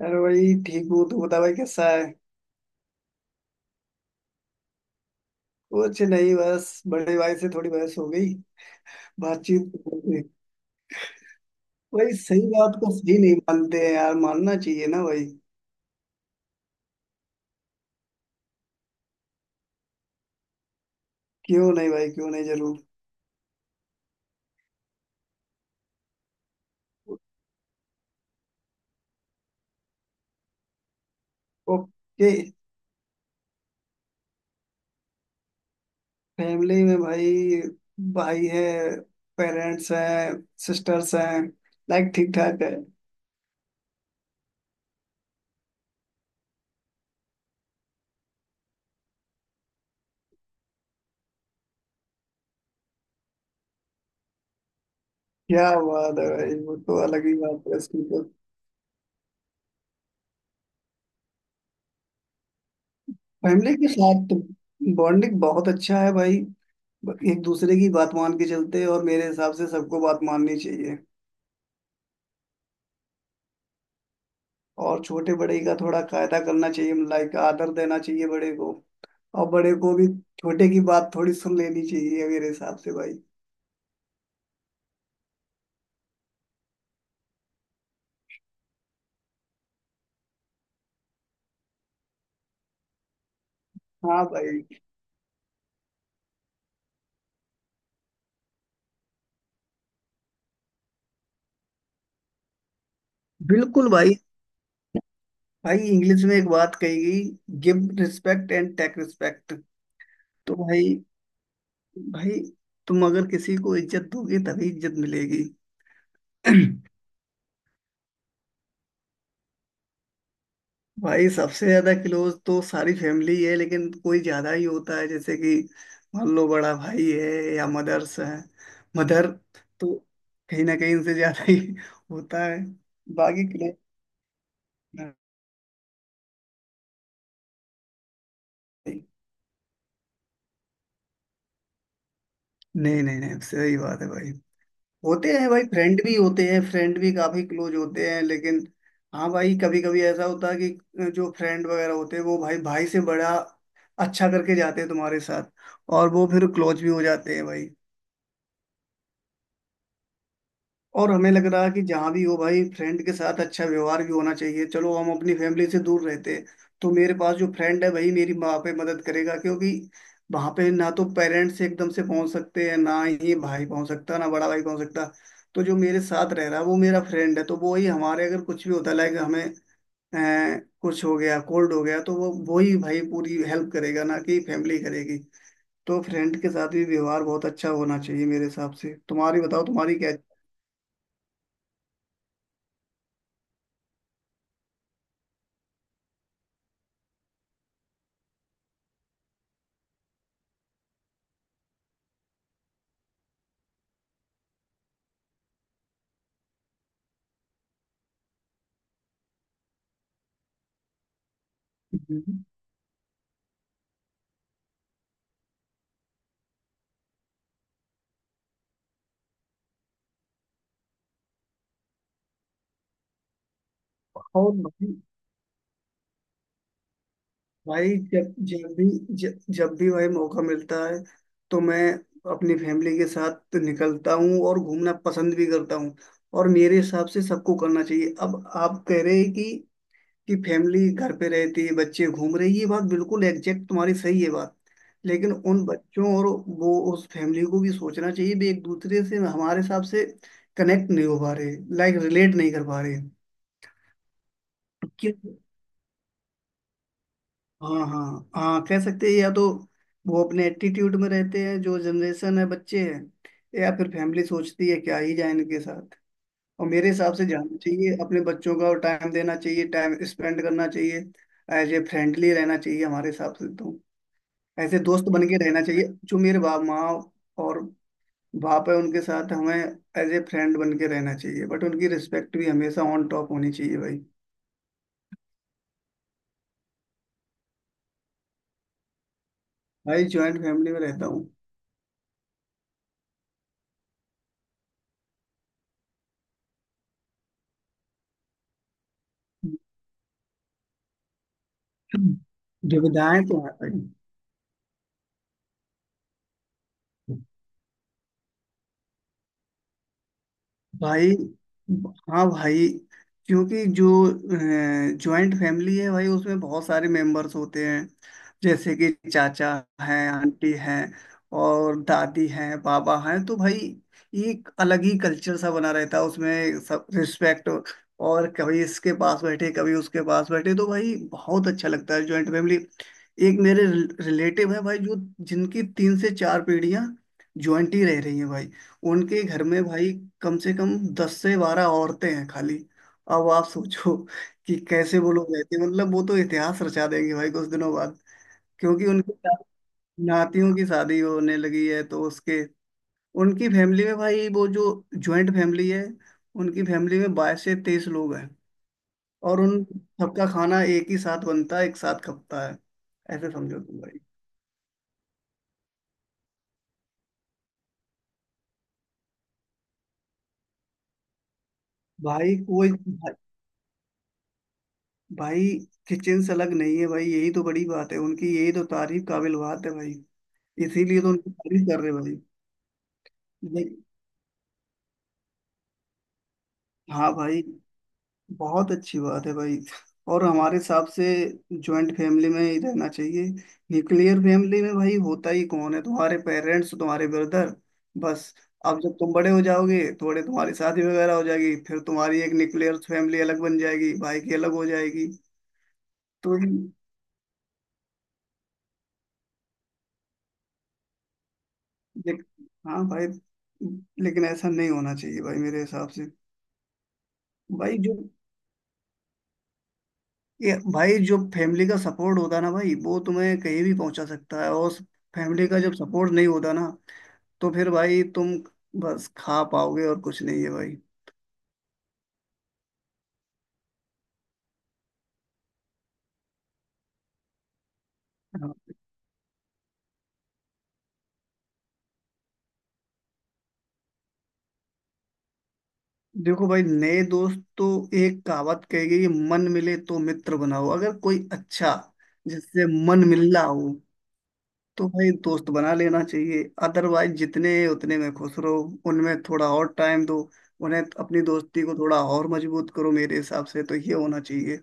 अरे भाई ठीक हूँ। तू बता भाई कैसा है। कुछ नहीं, बस बड़े भाई से थोड़ी बहस हो गई, बातचीत हो गई। भाई सही बात को सही नहीं मानते हैं यार, मानना चाहिए ना भाई। क्यों नहीं भाई, क्यों नहीं, जरूर। ओके। फैमिली में भाई, भाई है, पेरेंट्स हैं, सिस्टर्स हैं। लाइक ठीक ठाक है। क्या बात है भाई, वो तो अलग ही बात है उसकी तो। फैमिली के साथ तो बॉन्डिंग बहुत अच्छा है भाई। एक दूसरे की बात मान के चलते हैं और मेरे हिसाब से सबको बात माननी चाहिए। और छोटे बड़े का थोड़ा कायदा करना चाहिए, लाइक आदर देना चाहिए बड़े को। और बड़े को भी छोटे की बात थोड़ी सुन लेनी चाहिए मेरे हिसाब से भाई। हाँ भाई। बिल्कुल भाई। भाई इंग्लिश में एक बात कही गई, give respect and take respect. तो भाई, भाई तुम अगर किसी को इज्जत दोगे तभी इज्जत मिलेगी। भाई सबसे ज्यादा क्लोज तो सारी फैमिली है, लेकिन कोई ज्यादा ही होता है, जैसे कि मान लो बड़ा भाई है या मदर्स है, मदर। तो कहीं ना कहीं इनसे ज्यादा ही होता है। बाकी क्लोज नहीं नहीं नहीं नहीं, सही बात है भाई। होते हैं भाई, फ्रेंड भी होते हैं, फ्रेंड भी काफी क्लोज होते हैं, लेकिन हाँ भाई कभी कभी ऐसा होता है कि जो फ्रेंड वगैरह होते हैं वो भाई भाई से बड़ा अच्छा करके जाते हैं तुम्हारे साथ और वो फिर क्लोज भी हो जाते हैं भाई। और हमें लग रहा है कि जहाँ भी हो भाई, फ्रेंड के साथ अच्छा व्यवहार भी होना चाहिए। चलो हम अपनी फैमिली से दूर रहते हैं, तो मेरे पास जो फ्रेंड है वही मेरी वहाँ पे मदद करेगा, क्योंकि वहाँ पे ना तो पेरेंट्स एकदम से पहुँच सकते हैं ना ही भाई पहुँच सकता, ना बड़ा भाई पहुँच सकता। तो जो मेरे साथ रह रहा है वो मेरा फ्रेंड है, तो वो ही हमारे अगर कुछ भी होता लाइक हमें अ, कुछ हो गया, कोल्ड हो गया, तो वो ही भाई पूरी हेल्प करेगा, ना कि फैमिली करेगी। तो फ्रेंड के साथ भी व्यवहार बहुत अच्छा होना चाहिए मेरे हिसाब से। तुम्हारी बताओ, तुम्हारी क्या। हम्म। और भाई, जब जब भी, जब जब भी भाई मौका मिलता है तो मैं अपनी फैमिली के साथ निकलता हूँ और घूमना पसंद भी करता हूँ। और मेरे हिसाब से सबको करना चाहिए। अब आप कह रहे हैं कि फैमिली घर पे रहती है, बच्चे घूम रहे हैं, ये बात बिल्कुल एग्जैक्ट तुम्हारी सही है बात। लेकिन उन बच्चों और वो उस फैमिली को भी सोचना चाहिए भी, एक दूसरे से हमारे हिसाब से कनेक्ट नहीं हो पा रहे, लाइक रिलेट नहीं कर पा रहे। क्यों? हाँ हाँ। हाँ, कह सकते हैं। या तो वो अपने एटीट्यूड में रहते हैं जो जनरेशन है, बच्चे हैं, या फिर फैमिली सोचती है क्या ही जाए इनके साथ। और मेरे हिसाब से जाना चाहिए, अपने बच्चों का टाइम देना चाहिए, टाइम स्पेंड करना चाहिए, एज ए फ्रेंडली रहना चाहिए हमारे हिसाब से तो। ऐसे दोस्त बन के रहना चाहिए, जो मेरे बाप माँ और बाप है उनके साथ हमें एज ए फ्रेंड बन के रहना चाहिए, बट उनकी रिस्पेक्ट भी हमेशा ऑन टॉप होनी चाहिए भाई। भाई ज्वाइंट फैमिली में रहता हूँ। दुविधाएं तो है भाई। भाई हाँ भाई, क्योंकि जो जॉइंट फैमिली है भाई उसमें बहुत सारे मेंबर्स होते हैं, जैसे कि चाचा हैं, आंटी हैं और दादी हैं, बाबा हैं। तो भाई एक अलग ही कल्चर सा बना रहता है उसमें, सब रिस्पेक्ट। और कभी इसके पास बैठे कभी उसके पास बैठे, तो भाई बहुत अच्छा लगता है जॉइंट फैमिली। एक मेरे रिलेटिव है भाई जो, जिनकी तीन से चार पीढ़ियां जॉइंट ही रह रही हैं भाई। उनके घर में भाई कम से कम दस से बारह औरतें हैं खाली। अब आप सोचो कि कैसे वो लोग रहते हैं। मतलब वो तो इतिहास रचा देंगे भाई कुछ दिनों बाद, क्योंकि उनके साथ नातियों की शादी होने लगी है। तो उसके, उनकी फैमिली में भाई वो जो ज्वाइंट फैमिली है, उनकी फैमिली में बाईस से तेईस लोग हैं। और उन सबका खाना एक ही साथ बनता है, एक साथ खपता है, ऐसे समझो तुम भाई। भाई कोई, भाई किचन से अलग नहीं है भाई, यही तो बड़ी बात है उनकी, यही तो तारीफ काबिल बात है भाई। इसीलिए तो उनकी तारीफ कर रहे हैं भाई। नहीं, हाँ भाई बहुत अच्छी बात है भाई। और हमारे हिसाब से ज्वाइंट फैमिली में ही रहना चाहिए। न्यूक्लियर फैमिली में भाई होता ही कौन है, तुम्हारे पेरेंट्स, तुम्हारे ब्रदर, बस। अब जब तुम बड़े हो जाओगे थोड़े, तुम्हारी शादी वगैरह हो जाएगी, फिर तुम्हारी एक न्यूक्लियर फैमिली अलग बन जाएगी, भाई की अलग हो जाएगी। तो लेक, हाँ भाई, लेकिन ऐसा नहीं होना चाहिए भाई मेरे हिसाब से। भाई जो ये भाई जो फैमिली का सपोर्ट होता है ना भाई, वो तुम्हें कहीं भी पहुंचा सकता है। और फैमिली का जब सपोर्ट नहीं होता ना, तो फिर भाई तुम बस खा पाओगे और कुछ नहीं है भाई। हाँ। देखो भाई नए दोस्त तो, एक कहावत कही गई है, मन मिले तो मित्र बनाओ। अगर कोई अच्छा, जिससे मन मिल रहा हो, तो भाई दोस्त बना लेना चाहिए। अदरवाइज जितने हैं, उतने में खुश रहो, उनमें थोड़ा और टाइम दो, उन्हें अपनी दोस्ती को थोड़ा और मजबूत करो। मेरे हिसाब से तो ये होना चाहिए।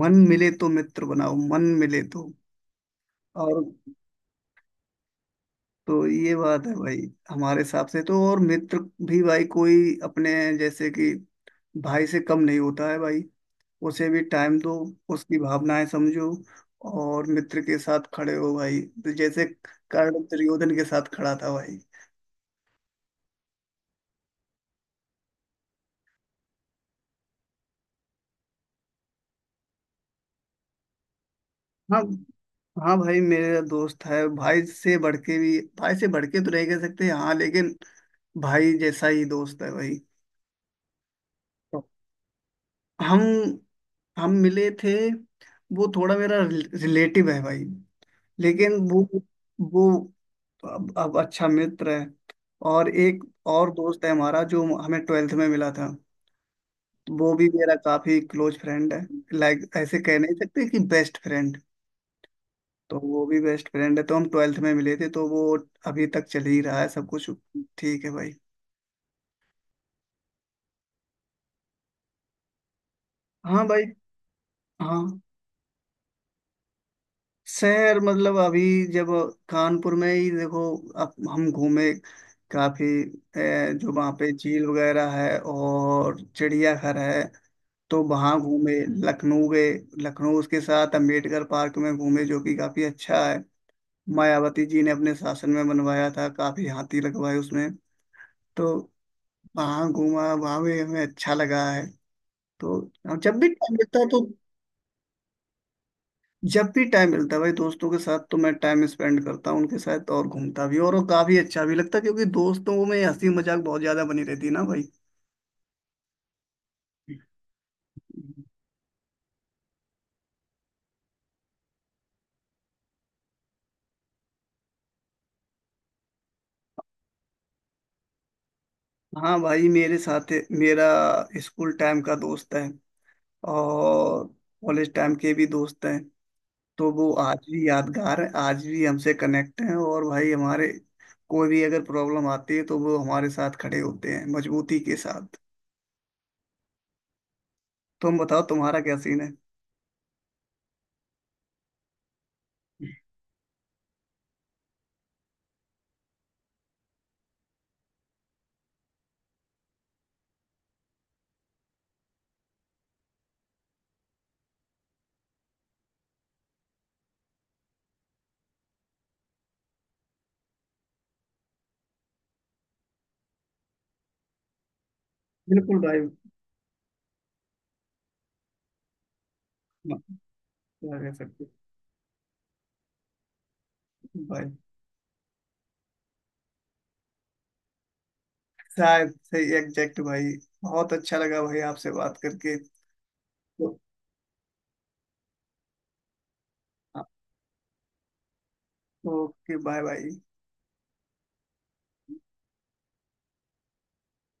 मन मिले तो मित्र बनाओ, मन मिले तो। और तो ये बात है भाई हमारे हिसाब से तो। और मित्र भी भाई कोई अपने जैसे कि भाई से कम नहीं होता है भाई, उसे भी टाइम दो, उसकी भावनाएं समझो और मित्र के साथ खड़े हो भाई, तो जैसे कर्ण दुर्योधन के साथ खड़ा था भाई। हाँ। हाँ भाई मेरा दोस्त है भाई से बढ़ के, भी भाई से बढ़ के तो नहीं कह सकते हैं, हाँ लेकिन भाई जैसा ही दोस्त है भाई। तो हम हम मिले थे, वो थोड़ा मेरा रिलेटिव है भाई, लेकिन वो अब अच्छा मित्र है। और एक और दोस्त है हमारा जो हमें ट्वेल्थ में मिला था, वो भी मेरा काफी क्लोज फ्रेंड है। लाइक ऐसे कह नहीं सकते कि बेस्ट फ्रेंड, तो वो भी बेस्ट फ्रेंड है। तो हम ट्वेल्थ में मिले थे, तो वो अभी तक चल ही रहा है सब कुछ, ठीक है भाई। हाँ भाई। हाँ। शहर मतलब अभी जब कानपुर में ही देखो, अब हम घूमे काफी। जो वहाँ पे झील वगैरह है और चिड़ियाघर है, तो वहाँ घूमे। लखनऊ गए, लखनऊ उसके साथ अम्बेडकर पार्क में घूमे, जो कि काफी अच्छा है। मायावती जी ने अपने शासन में बनवाया था, काफी हाथी लगवाए उसमें। तो वहाँ घूमा, वहाँ भी हमें अच्छा लगा है। तो और जब भी टाइम मिलता है तो, जब भी टाइम मिलता है भाई दोस्तों के साथ, तो मैं टाइम स्पेंड करता हूँ उनके साथ और घूमता भी, और वो काफी अच्छा भी लगता है, क्योंकि दोस्तों में हंसी मजाक बहुत ज्यादा बनी रहती है ना भाई। हाँ भाई मेरे साथ मेरा स्कूल टाइम का दोस्त है और कॉलेज टाइम के भी दोस्त हैं। तो वो आज भी यादगार है, आज भी हमसे कनेक्ट हैं और भाई हमारे कोई भी अगर प्रॉब्लम आती है तो वो हमारे साथ खड़े होते हैं मजबूती के साथ। तुम बताओ तुम्हारा क्या सीन है। बिल्कुल भाई। म- क्या कह सकते हैं। भाई शायद सही एग्जैक्ट भाई। बहुत अच्छा लगा भाई आपसे बात करके। तो, ओके बाय बाय।